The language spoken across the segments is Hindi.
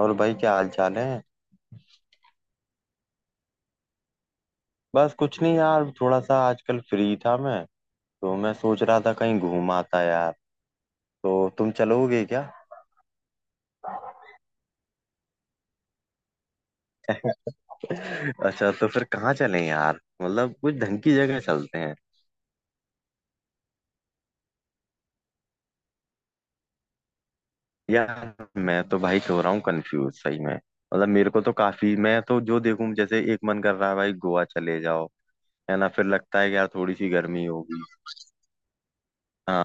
और भाई क्या हाल चाल है। बस कुछ नहीं यार, थोड़ा सा आजकल फ्री था मैं। तो मैं सोच रहा था कहीं घूम आता यार। तो तुम चलोगे क्या? अच्छा तो फिर कहाँ चलें यार? मतलब कुछ ढंग की जगह चलते हैं। यार मैं तो भाई हो रहा हूँ कंफ्यूज सही में। मतलब मेरे को तो काफी, मैं तो जो देखूं, जैसे एक मन कर रहा है भाई गोवा चले जाओ। है ना? फिर लगता है कि यार थोड़ी सी गर्मी होगी। हाँ।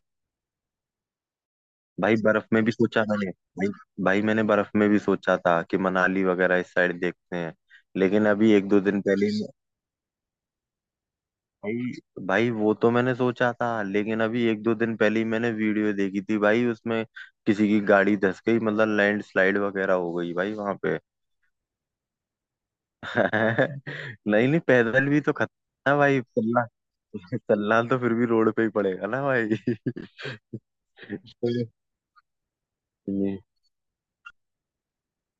भाई बर्फ में भी सोचा मैंने भाई। भाई मैंने बर्फ में भी सोचा था कि मनाली वगैरह इस साइड देखते हैं। लेकिन अभी एक दो दिन पहले ही- भाई। भाई वो तो मैंने सोचा था, लेकिन अभी एक दो दिन पहले ही मैंने वीडियो देखी थी भाई, उसमें किसी की गाड़ी धस गई, मतलब लैंडस्लाइड वगैरह हो गई भाई वहां पे। नहीं नहीं, पैदल भी तो खतरा है भाई चलना। चलना तो फिर भी रोड पे ही पड़ेगा ना भाई। तो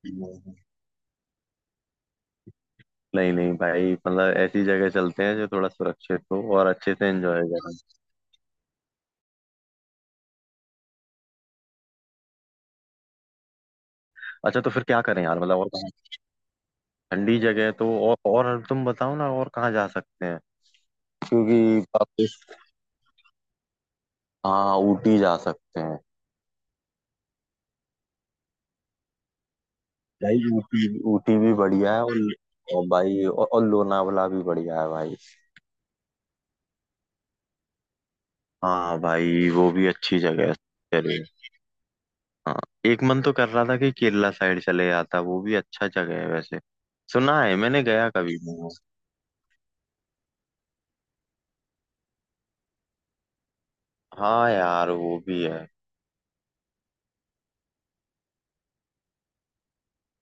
ये- नहीं नहीं भाई, मतलब ऐसी जगह चलते हैं जो थोड़ा सुरक्षित हो और अच्छे से एंजॉय करें। अच्छा तो फिर क्या करें यार? मतलब और कहाँ? ठंडी जगह है तो, और तुम बताओ ना और कहाँ जा सकते हैं? क्योंकि वापस। हाँ ऊटी जा सकते हैं। भाई ऊटी, ऊटी भी बढ़िया है और। और भाई, और लोनावला भी बढ़िया है भाई। हाँ भाई वो भी अच्छी जगह है। चले। हाँ। एक मन तो कर रहा था कि केरला साइड चले जाता, वो भी अच्छा जगह है वैसे। सुना है, मैंने गया कभी नहीं हूँ। हाँ यार वो भी है।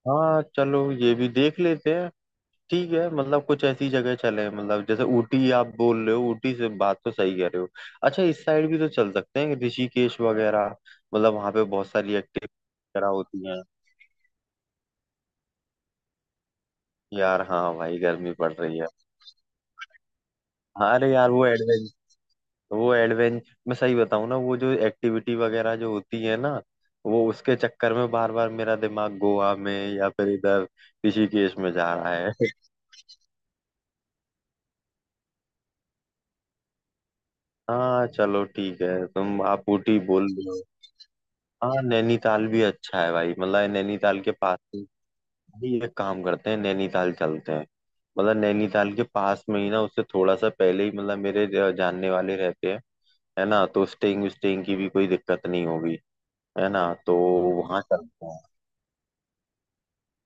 हाँ चलो ये भी देख लेते हैं। ठीक है, मतलब कुछ ऐसी जगह चले। मतलब जैसे ऊटी आप बोल रहे हो, ऊटी से बात तो सही कह रहे हो। अच्छा, इस साइड भी तो चल सकते हैं, ऋषिकेश वगैरह। मतलब वहाँ पे बहुत सारी एक्टिविटी वगैरह होती हैं यार। हाँ भाई गर्मी पड़ रही है। हाँ। अरे यार वो एडवेंच, मैं सही बताऊँ ना, वो जो एक्टिविटी वगैरह जो होती है ना, वो उसके चक्कर में बार बार मेरा दिमाग गोवा में या फिर इधर ऋषिकेश में जा रहा है। हाँ चलो ठीक है, तुम आप ऊटी बोल रहे हो। हाँ नैनीताल भी अच्छा है भाई। मतलब नैनीताल के पास ही एक काम करते हैं, नैनीताल चलते हैं। मतलब नैनीताल के पास में ही ना, उससे थोड़ा सा पहले ही, मतलब मेरे जानने वाले रहते हैं। है ना? तो स्टेइंग स्टेइंग की भी कोई दिक्कत नहीं होगी। है ना? तो वहाँ चलते हैं।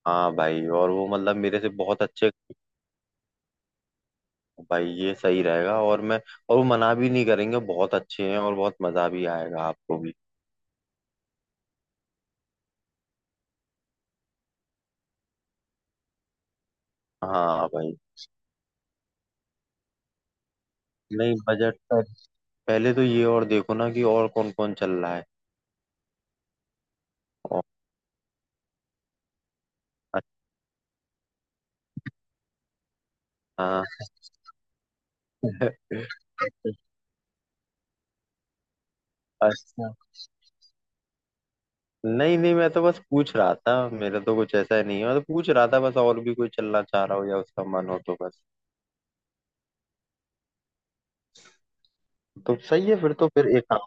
हाँ भाई, और वो मतलब मेरे से बहुत अच्छे भाई, ये सही रहेगा और मैं, और वो मना भी नहीं करेंगे, बहुत अच्छे हैं और बहुत मजा भी आएगा आपको भी। हाँ भाई। नहीं, बजट पर पहले तो ये और देखो ना कि और कौन कौन चल रहा है। हाँ अच्छा। नहीं नहीं, मैं तो बस पूछ रहा था, मेरा तो कुछ ऐसा नहीं है, मैं तो पूछ रहा था बस, और भी कोई चलना चाह रहा हो या उसका मन हो तो बस। तो सही है, फिर तो फिर एक काम।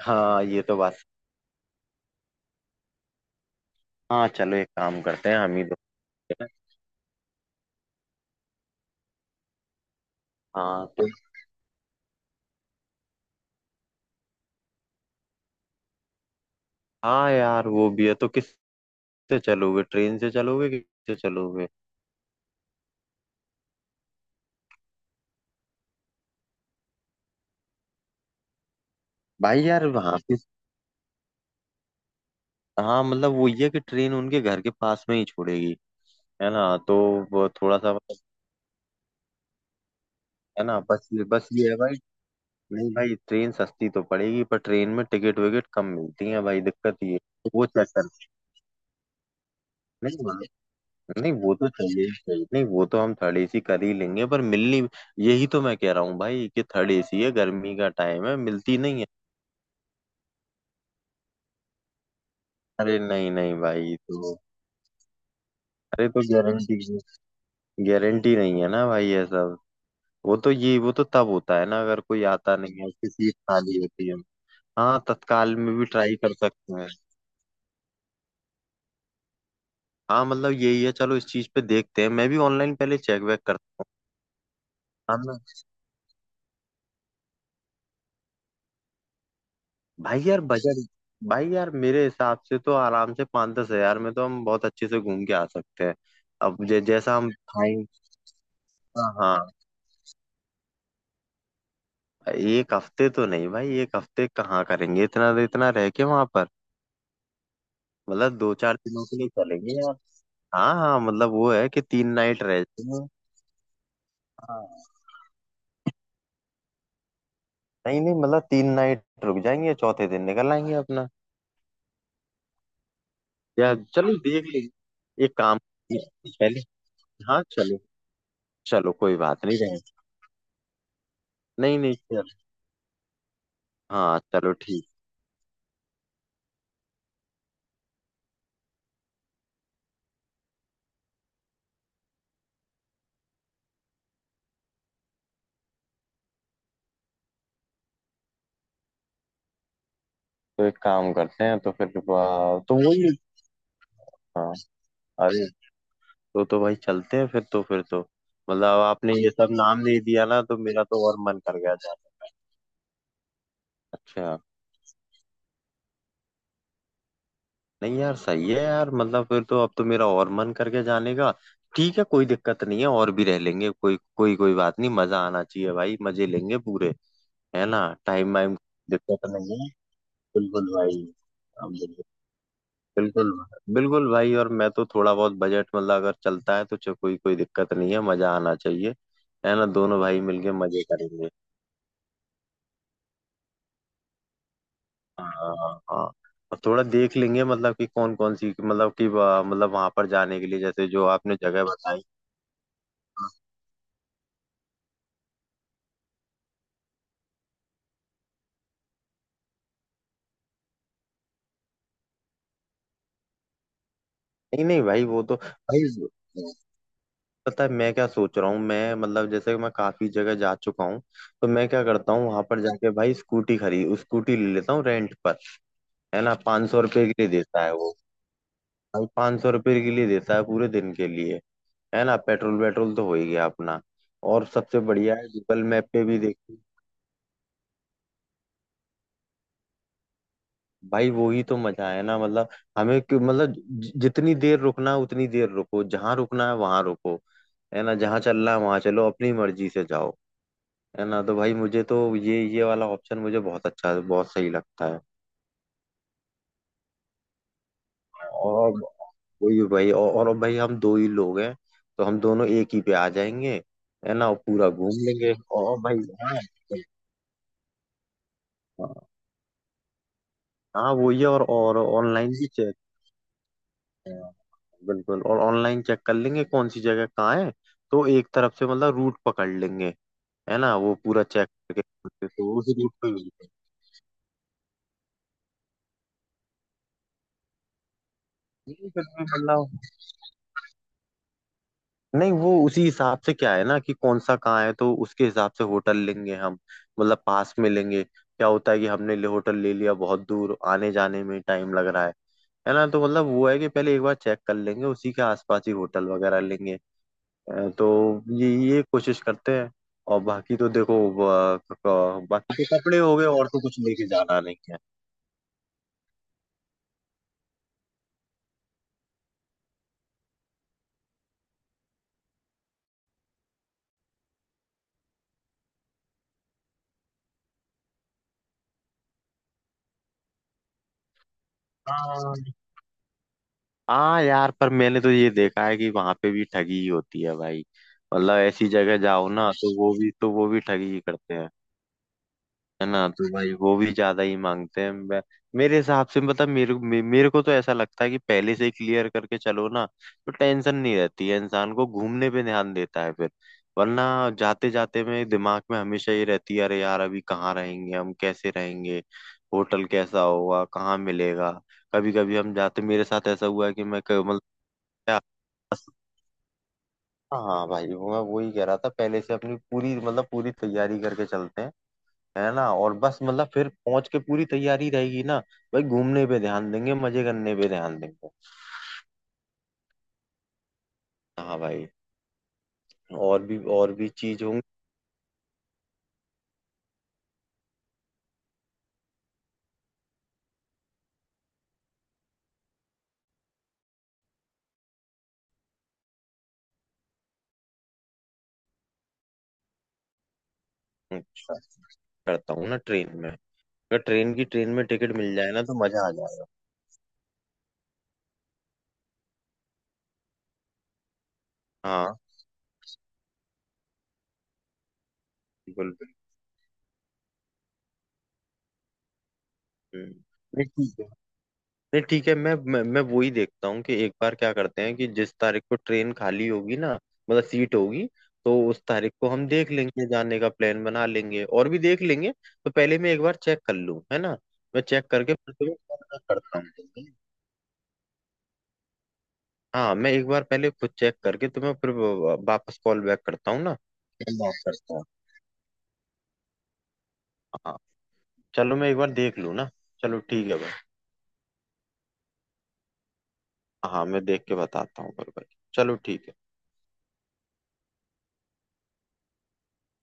हाँ ये तो बात। हाँ चलो, एक काम करते हैं, हम ही दोस्त हैं। हाँ तो, हाँ यार वो भी है। तो किससे चलोगे? ट्रेन से चलोगे कि किससे चलोगे? भाई यार वहाँ पे, हाँ मतलब वो ये है कि ट्रेन उनके घर के पास में ही छोड़ेगी। है ना? तो वो थोड़ा सा मतलब, है ना, बस ये है भाई। नहीं भाई, ट्रेन सस्ती तो पड़ेगी पर ट्रेन में टिकट विकेट कम मिलती है भाई, दिक्कत ये है। वो चेक कर, नहीं भाई। नहीं, वो तो थर्ड एसी चाहिए, नहीं वो तो हम थर्ड एसी कर ही लेंगे पर मिलनी, यही तो मैं कह रहा हूँ भाई कि थर्ड एसी है, गर्मी का टाइम है, मिलती नहीं है। अरे नहीं नहीं भाई तो, अरे तो गारंटी, गारंटी नहीं है ना भाई ये सब। वो तो तब होता है ना, अगर कोई आता नहीं है, उसकी सीट खाली होती है। हाँ तत्काल में भी ट्राई कर सकते हैं। हाँ मतलब यही है, चलो इस चीज पे देखते हैं, मैं भी ऑनलाइन पहले चेक वेक करता। हम। भाई यार बजट, भाई यार मेरे हिसाब से तो आराम से 5-10 हज़ार में तो हम बहुत अच्छे से घूम के आ सकते हैं। अब जैसा हम खाएं। हाँ हाँ। एक हफ्ते तो नहीं भाई, एक हफ्ते कहाँ करेंगे इतना, इतना रह के वहां पर। मतलब 2-4 दिनों के लिए चलेंगे यार। हाँ हाँ, मतलब वो है कि 3 नाइट रह जाएंगे। हाँ। नहीं नहीं, मतलब 3 नाइट रुक जाएंगे, चौथे दिन निकल आएंगे अपना। यार चलो देख लेंगे, एक काम पहले। हाँ चलो। चलो कोई बात नहीं रहे। नहीं नहीं। हाँ चलो ठीक। तो एक काम करते हैं, तो फिर तो वही। अरे तो भाई चलते हैं फिर, तो फिर तो, मतलब आपने ये सब नाम नहीं दिया ना, तो मेरा तो और मन कर गया जाने का। अच्छा। नहीं यार, सही है यार, मतलब फिर तो अब तो मेरा और मन करके जाने का। ठीक है, कोई दिक्कत नहीं है, और भी रह लेंगे, कोई कोई कोई बात नहीं, मजा आना चाहिए भाई, मजे लेंगे पूरे। है ना? टाइम वाइम दिक्कत नहीं है। बिल्कुल भाई। बिल्कुल। बिल्कुल भाई, और मैं तो थोड़ा बहुत बजट, मतलब अगर चलता है तो कोई कोई दिक्कत नहीं है, मजा आना चाहिए। है ना? दोनों भाई मिलके मजे करेंगे। हाँ हाँ हाँ। और थोड़ा देख लेंगे, मतलब कि कौन कौन सी, मतलब कि मतलब वहां पर जाने के लिए जैसे जो आपने जगह बताई। नहीं नहीं भाई, वो तो भाई, पता है मैं क्या सोच रहा हूँ मैं? मतलब जैसे मैं काफी जगह जा चुका हूँ, तो मैं क्या करता हूँ, वहां पर जाके भाई स्कूटी खरीद, स्कूटी ले लेता हूँ रेंट पर। है ना? 500 रुपए के लिए देता है वो। भाई 500 रुपये के लिए देता है पूरे दिन के लिए। है ना? पेट्रोल वेट्रोल तो हो ही गया अपना। और सबसे बढ़िया है, गूगल मैप पे भी देखो। भाई वही तो मजा है ना, मतलब हमें क्यों? मतलब जितनी देर रुकना है उतनी देर रुको, जहाँ रुकना है वहां रुको। है ना? जहाँ चलना है वहां चलो, अपनी मर्जी से जाओ। है ना? तो भाई मुझे तो ये वाला ऑप्शन, मुझे बहुत अच्छा, बहुत सही लगता है। और वही भाई, और अब भाई हम दो ही लोग हैं, तो हम दोनों एक ही पे आ जाएंगे। है ना? और पूरा घूम लेंगे और भाई। हाँ हाँ। हाँ, वही है। और ऑनलाइन भी चेक, बिल्कुल। और ऑनलाइन चेक कर लेंगे कौन सी जगह कहाँ है, तो एक तरफ से मतलब रूट पकड़ लेंगे। है ना? वो पूरा चेक करके, तो उस रूट पे ही मिलते हैं। ठीक है, तो मतलब, नहीं, वो उसी हिसाब से क्या है ना कि कौन सा कहाँ है, तो उसके हिसाब से होटल लेंगे हम। मतलब पास में लेंगे, क्या होता है कि हमने ले होटल ले लिया बहुत दूर, आने जाने में टाइम लग रहा है। है ना? तो मतलब वो है कि पहले एक बार चेक कर लेंगे, उसी के आसपास ही होटल वगैरह लेंगे। तो ये कोशिश करते हैं, और बाकी तो देखो, बाकी तो कपड़े हो गए, और तो कुछ लेके जाना नहीं है। हाँ। हाँ यार, पर मैंने तो ये देखा है कि वहां पे भी ठगी ही होती है भाई। मतलब ऐसी जगह जाओ ना, तो वो भी, तो वो भी ठगी ही करते हैं। है ना? तो भाई वो भी ज्यादा ही मांगते हैं। मेरे हिसाब से, मतलब मेरे को तो ऐसा लगता है कि पहले से ही क्लियर करके चलो ना, तो टेंशन नहीं रहती है, इंसान को घूमने पे ध्यान देता है फिर। वरना जाते जाते में दिमाग में हमेशा ये रहती है, अरे यार अभी कहाँ रहेंगे हम, कैसे रहेंगे, होटल कैसा होगा, कहाँ मिलेगा? कभी कभी हम जाते, मेरे साथ ऐसा हुआ है कि मैं मतलब। हाँ भाई वो मैं वही कह रहा था, पहले से अपनी पूरी, मतलब पूरी तैयारी करके चलते हैं। है ना? और बस मतलब फिर पहुंच के पूरी तैयारी रहेगी ना, भाई घूमने पे ध्यान देंगे, मजे करने पे ध्यान देंगे। हाँ भाई, और भी चीज होंगी। अच्छा, करता हूँ ना ट्रेन में। अगर ट्रेन की, ट्रेन में टिकट मिल जाए ना, तो मजा आ जाएगा। हाँ। बिल्कुल बिल्कुल। हम्म। नहीं, ठीक है। नहीं ठीक है, मैं वही देखता हूँ कि एक बार क्या करते हैं, कि जिस तारीख को ट्रेन खाली होगी ना, मतलब सीट होगी, तो उस तारीख को हम देख लेंगे, जाने का प्लान बना लेंगे और भी देख लेंगे। तो पहले मैं एक बार चेक कर लूँ, है ना? मैं चेक करके फिर तुम्हें कॉल बैक करता हूँ। हाँ मैं एक बार पहले खुद चेक करके तुम्हें फिर वापस कॉल बैक करता हूँ ना। फिर बात करता हूँ। हाँ चलो मैं एक बार देख लूँ ना। चलो ठीक है भाई। हाँ मैं देख के बताता हूँ फिर भाई, चलो ठीक है।